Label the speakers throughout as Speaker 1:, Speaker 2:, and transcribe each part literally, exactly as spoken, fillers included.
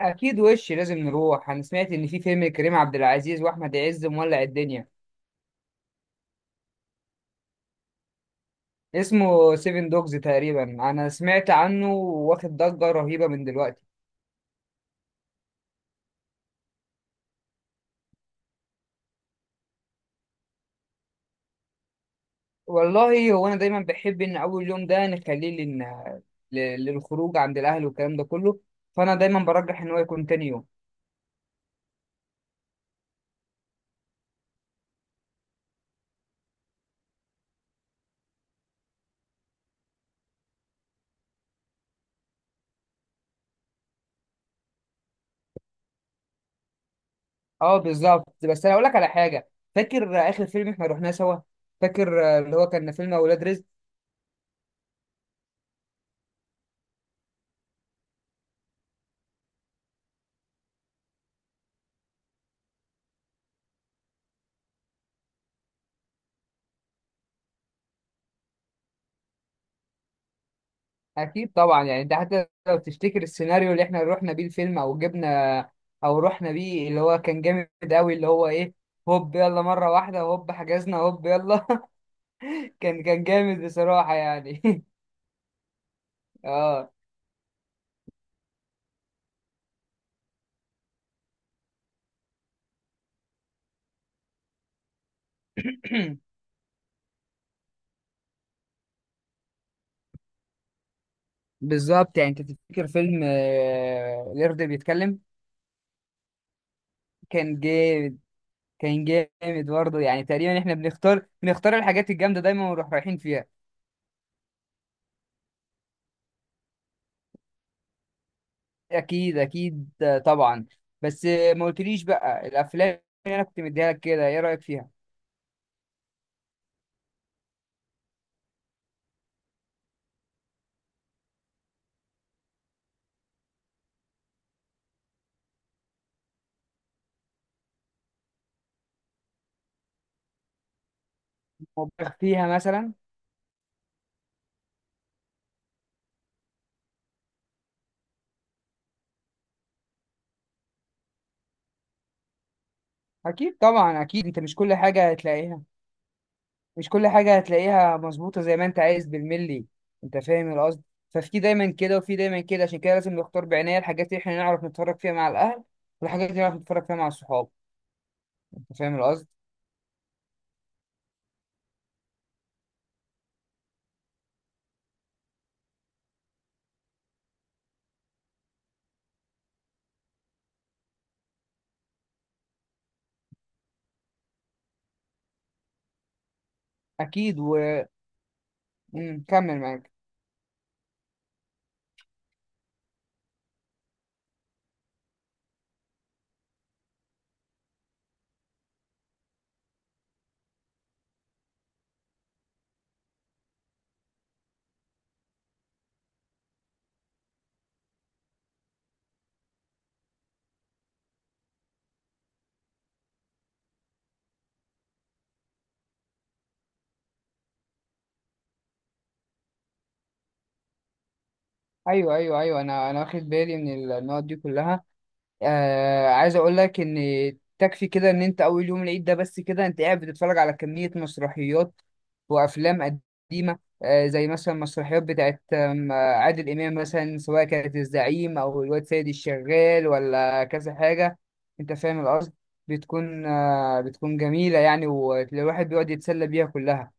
Speaker 1: اكيد وش لازم نروح. انا سمعت ان في فيلم كريم عبد العزيز واحمد عز مولع الدنيا. اسمه سيفن دوجز تقريبا، انا سمعت عنه واخد ضجة رهيبة من دلوقتي. والله هو انا دايما بحب ان اول يوم ده نخليه لن... ل- للخروج عند الاهل والكلام ده كله، فانا دايما برجح ان هو يكون تاني يوم. اه بالظبط، بس انا اقول لك على حاجة. فاكر اخر فيلم احنا رحناه سوا؟ فاكر آه، اللي هو كان فيلم اولاد رزق. اكيد طبعا، يعني انت حتى لو تفتكر السيناريو اللي احنا رحنا بيه الفيلم او جبنا او رحنا بيه، اللي هو كان جامد قوي، اللي هو ايه، هوب يلا مره واحده هوب حجزنا هوب يلا. كان كان جامد بصراحه يعني. اه. بالظبط، يعني انت تفتكر فيلم آه، القرد بيتكلم؟ كان جامد. كان جامد برضه، يعني تقريبا احنا بنختار بنختار الحاجات الجامده دايما ونروح رايحين فيها. اكيد اكيد طبعا. بس ما قلتليش بقى الافلام اللي انا كنت مديها لك كده ايه رايك فيها؟ مبالغ فيها مثلا. اكيد طبعا، اكيد انت مش كل حاجه هتلاقيها، مش كل حاجه هتلاقيها مظبوطه زي ما انت عايز بالملي، انت فاهم القصد. ففي دايما كده وفي دايما كده، عشان كده لازم نختار بعنايه الحاجات اللي احنا نعرف نتفرج فيها مع الاهل، والحاجات اللي نعرف نتفرج فيها مع الصحاب. انت فاهم القصد. اكيد وكمل. معاك. ايوه ايوه ايوه، انا انا واخد بالي من النقط دي كلها. آه، عايز اقول لك ان تكفي كده ان انت اول يوم العيد ده بس كده انت قاعد بتتفرج على كمية مسرحيات وافلام قديمة، آه زي مثلا مسرحيات بتاعت آم، آه، عادل امام، مثلا سواء كانت الزعيم او الواد سيد الشغال ولا كذا حاجة، انت فاهم القصد. بتكون آه، بتكون جميلة يعني، والواحد بيقعد يتسلى بيها كلها.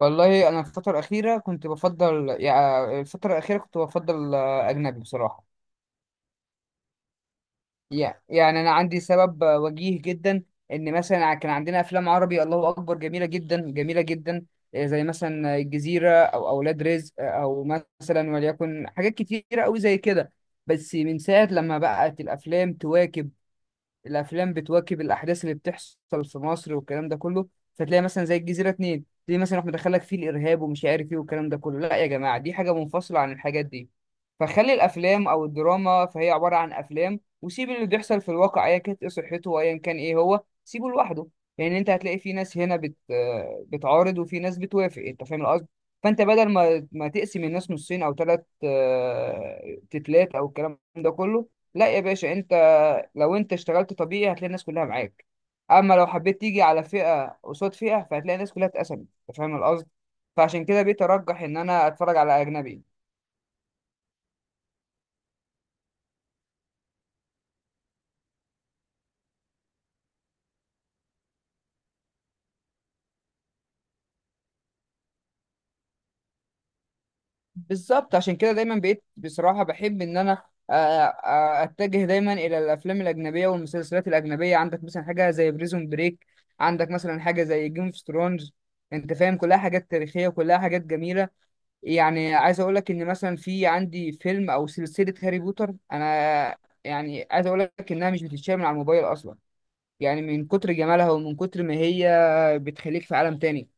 Speaker 1: والله انا الفترة الأخيرة كنت بفضل، يعني الفترة الأخيرة كنت بفضل آه، أجنبي بصراحة. يع- يعني انا عندي سبب وجيه جدا. ان مثلا كان عندنا افلام عربي الله اكبر جميله جدا جميله جدا، آه، زي مثلا الجزيره او اولاد رزق، آه، او مثلا وليكن حاجات كتيره قوي زي كده. بس من ساعه لما بقت الافلام تواكب، الافلام بتواكب الاحداث اللي بتحصل في مصر والكلام ده كله، فتلاقي مثلا زي الجزيره اتنين تلاقي مثلا احنا دخلك فيه الارهاب ومش عارف ايه والكلام ده كله. لا يا جماعه، دي حاجه منفصله عن الحاجات دي. فخلي الافلام او الدراما، فهي عباره عن افلام، وسيب اللي بيحصل في الواقع ايا كانت ايه صحته وايا كان ايه هو، سيبه لوحده. يعني انت هتلاقي في ناس هنا بت آه، بتعارض وفي ناس بتوافق، انت فاهم القصد. فانت بدل ما ما تقسم الناس نصين او ثلاث تتلات او الكلام ده كله، لا يا باشا انت، لو انت اشتغلت طبيعي هتلاقي الناس كلها معاك، اما لو حبيت تيجي على فئه قصاد فئه فهتلاقي الناس كلها اتقسمت، انت فاهم القصد. فعشان كده بقيت ارجح ان انا اتفرج على اجنبي. بالظبط، عشان كده دايما بقيت بصراحة بحب إن أنا، آه، آه، أتجه دايما إلى الأفلام الأجنبية والمسلسلات الأجنبية. عندك مثلا حاجة زي بريزون بريك، عندك مثلا حاجة زي جيم اوف ثرونز، أنت فاهم، كلها حاجات تاريخية وكلها حاجات جميلة. يعني عايز أقول لك إن مثلا في عندي فيلم أو سلسلة هاري بوتر أنا، يعني عايز أقول لك إنها مش بتتشال من على الموبايل أصلا، يعني من كتر جمالها ومن كتر ما هي بتخليك في عالم تاني.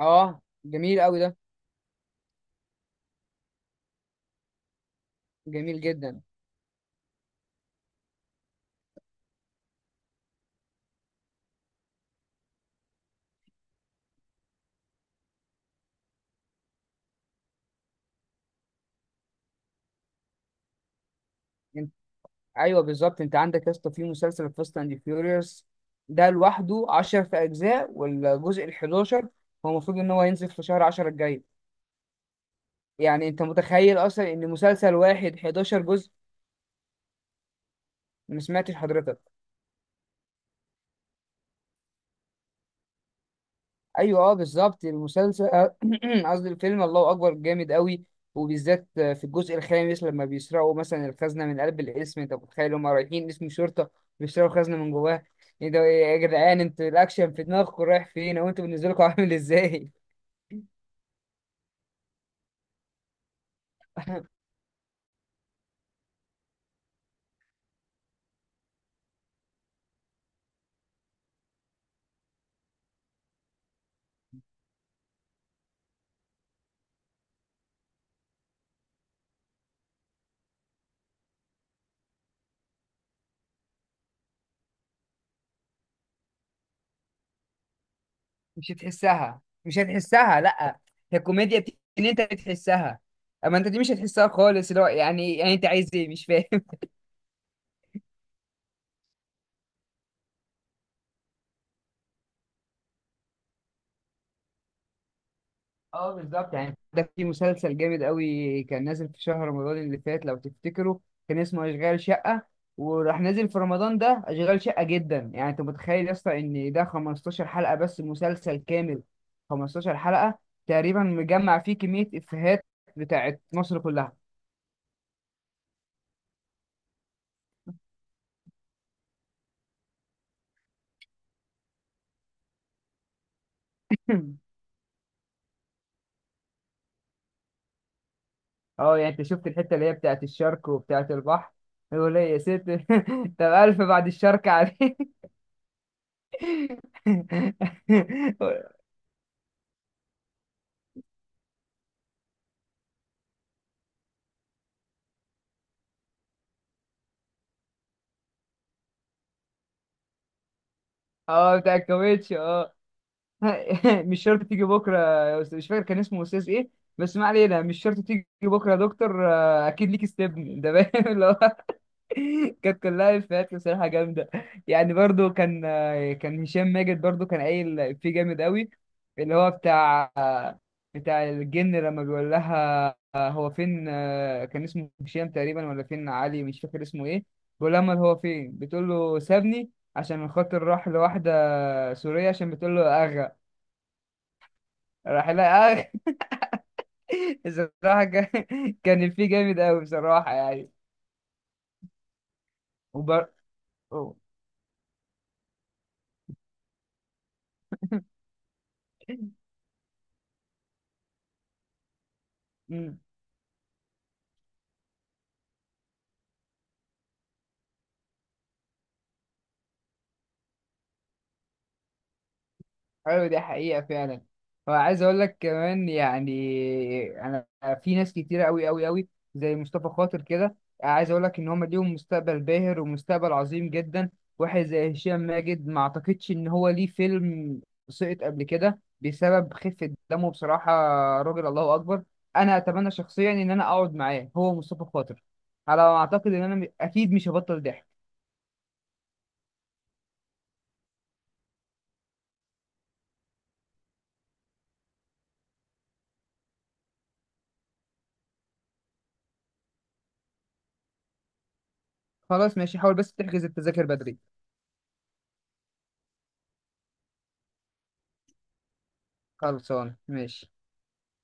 Speaker 1: أه جميل أوي ده. جميل جدا. ايوه بالظبط، انت عندك يا اسطى في مسلسل فاست اند فيوريوس، ده لوحده عشرة في اجزاء، والجزء ال أحد عشر هو المفروض ان هو ينزل في شهر عشرة الجاي. يعني انت متخيل اصلا ان مسلسل واحد 11 جزء؟ ما سمعتش حضرتك. ايوه اه بالظبط المسلسل، قصدي الفيلم، الله اكبر جامد قوي. وبالذات في الجزء الخامس لما بيسرقوا مثلا الخزنه من قلب القسم، انت متخيل هم رايحين قسم شرطه بيسرقوا خزنه من جواه؟ ايه ده، إيه يا جدعان، انتوا الاكشن في دماغكم رايح فين او انتوا بالنسبه لكم عامل ازاي؟ مش هتحسها، مش هتحسها، لا. هي الكوميديا بت- ان انت بتحسها، اما انت دي مش هتحسها خالص، اللي هو يعني، يعني انت عايز ايه مش فاهم. اه بالظبط. يعني ده في مسلسل جامد قوي كان نازل في شهر رمضان اللي فات لو تفتكروا، كان اسمه اشغال شقة، وراح نازل في رمضان ده اشغال شقة جدا. يعني انت متخيل يا اسطى ان ده 15 حلقة بس مسلسل كامل، 15 حلقة تقريبا مجمع فيه كمية افيهات بتاعت مصر كلها. اه يعني انت شفت الحته اللي هي بتاعت الشرق وبتاعت البحر، يقول ايه يا ست؟ طب الف بعد الشرق عليك. اه بتاع الكاوتش اه. مش شرط تيجي بكره يا استاذ، مش فاكر كان اسمه استاذ ايه، بس ما علينا، مش شرط تيجي بكره يا دكتور، آه، اكيد ليك استبن ده باين. كانت كلها افيهات بصراحه جامده. يعني برضو كان، كان هشام ماجد برضو كان قايل فيه جامد قوي، اللي هو بتاع بتاع الجن لما بيقول لها هو فين، كان اسمه هشام تقريبا ولا فين علي مش فاكر اسمه ايه، بيقول لها امال هو فين، بتقول له سابني عشان خاطر راح لواحده سوريه عشان بتقول له اغا، راح لها اغا. بصراحه كان، كان فيه جامد قوي بصراحه يعني. وبر... ايوه دي حقيقة فعلا. وعايز اقول لك كمان، يعني انا في ناس كتيرة قوي قوي قوي زي مصطفى خاطر كده، عايز اقول لك ان هم ليهم مستقبل باهر ومستقبل عظيم جدا. واحد زي هشام ماجد ما اعتقدش ان هو ليه فيلم سقط قبل كده بسبب خفة دمه بصراحة، راجل الله اكبر. انا اتمنى شخصيا ان انا اقعد معاه هو مصطفى خاطر، على ما اعتقد ان انا م- اكيد مش هبطل ضحك. خلاص ماشي، حاول بس تحجز التذاكر بدري. خلصان ماشي.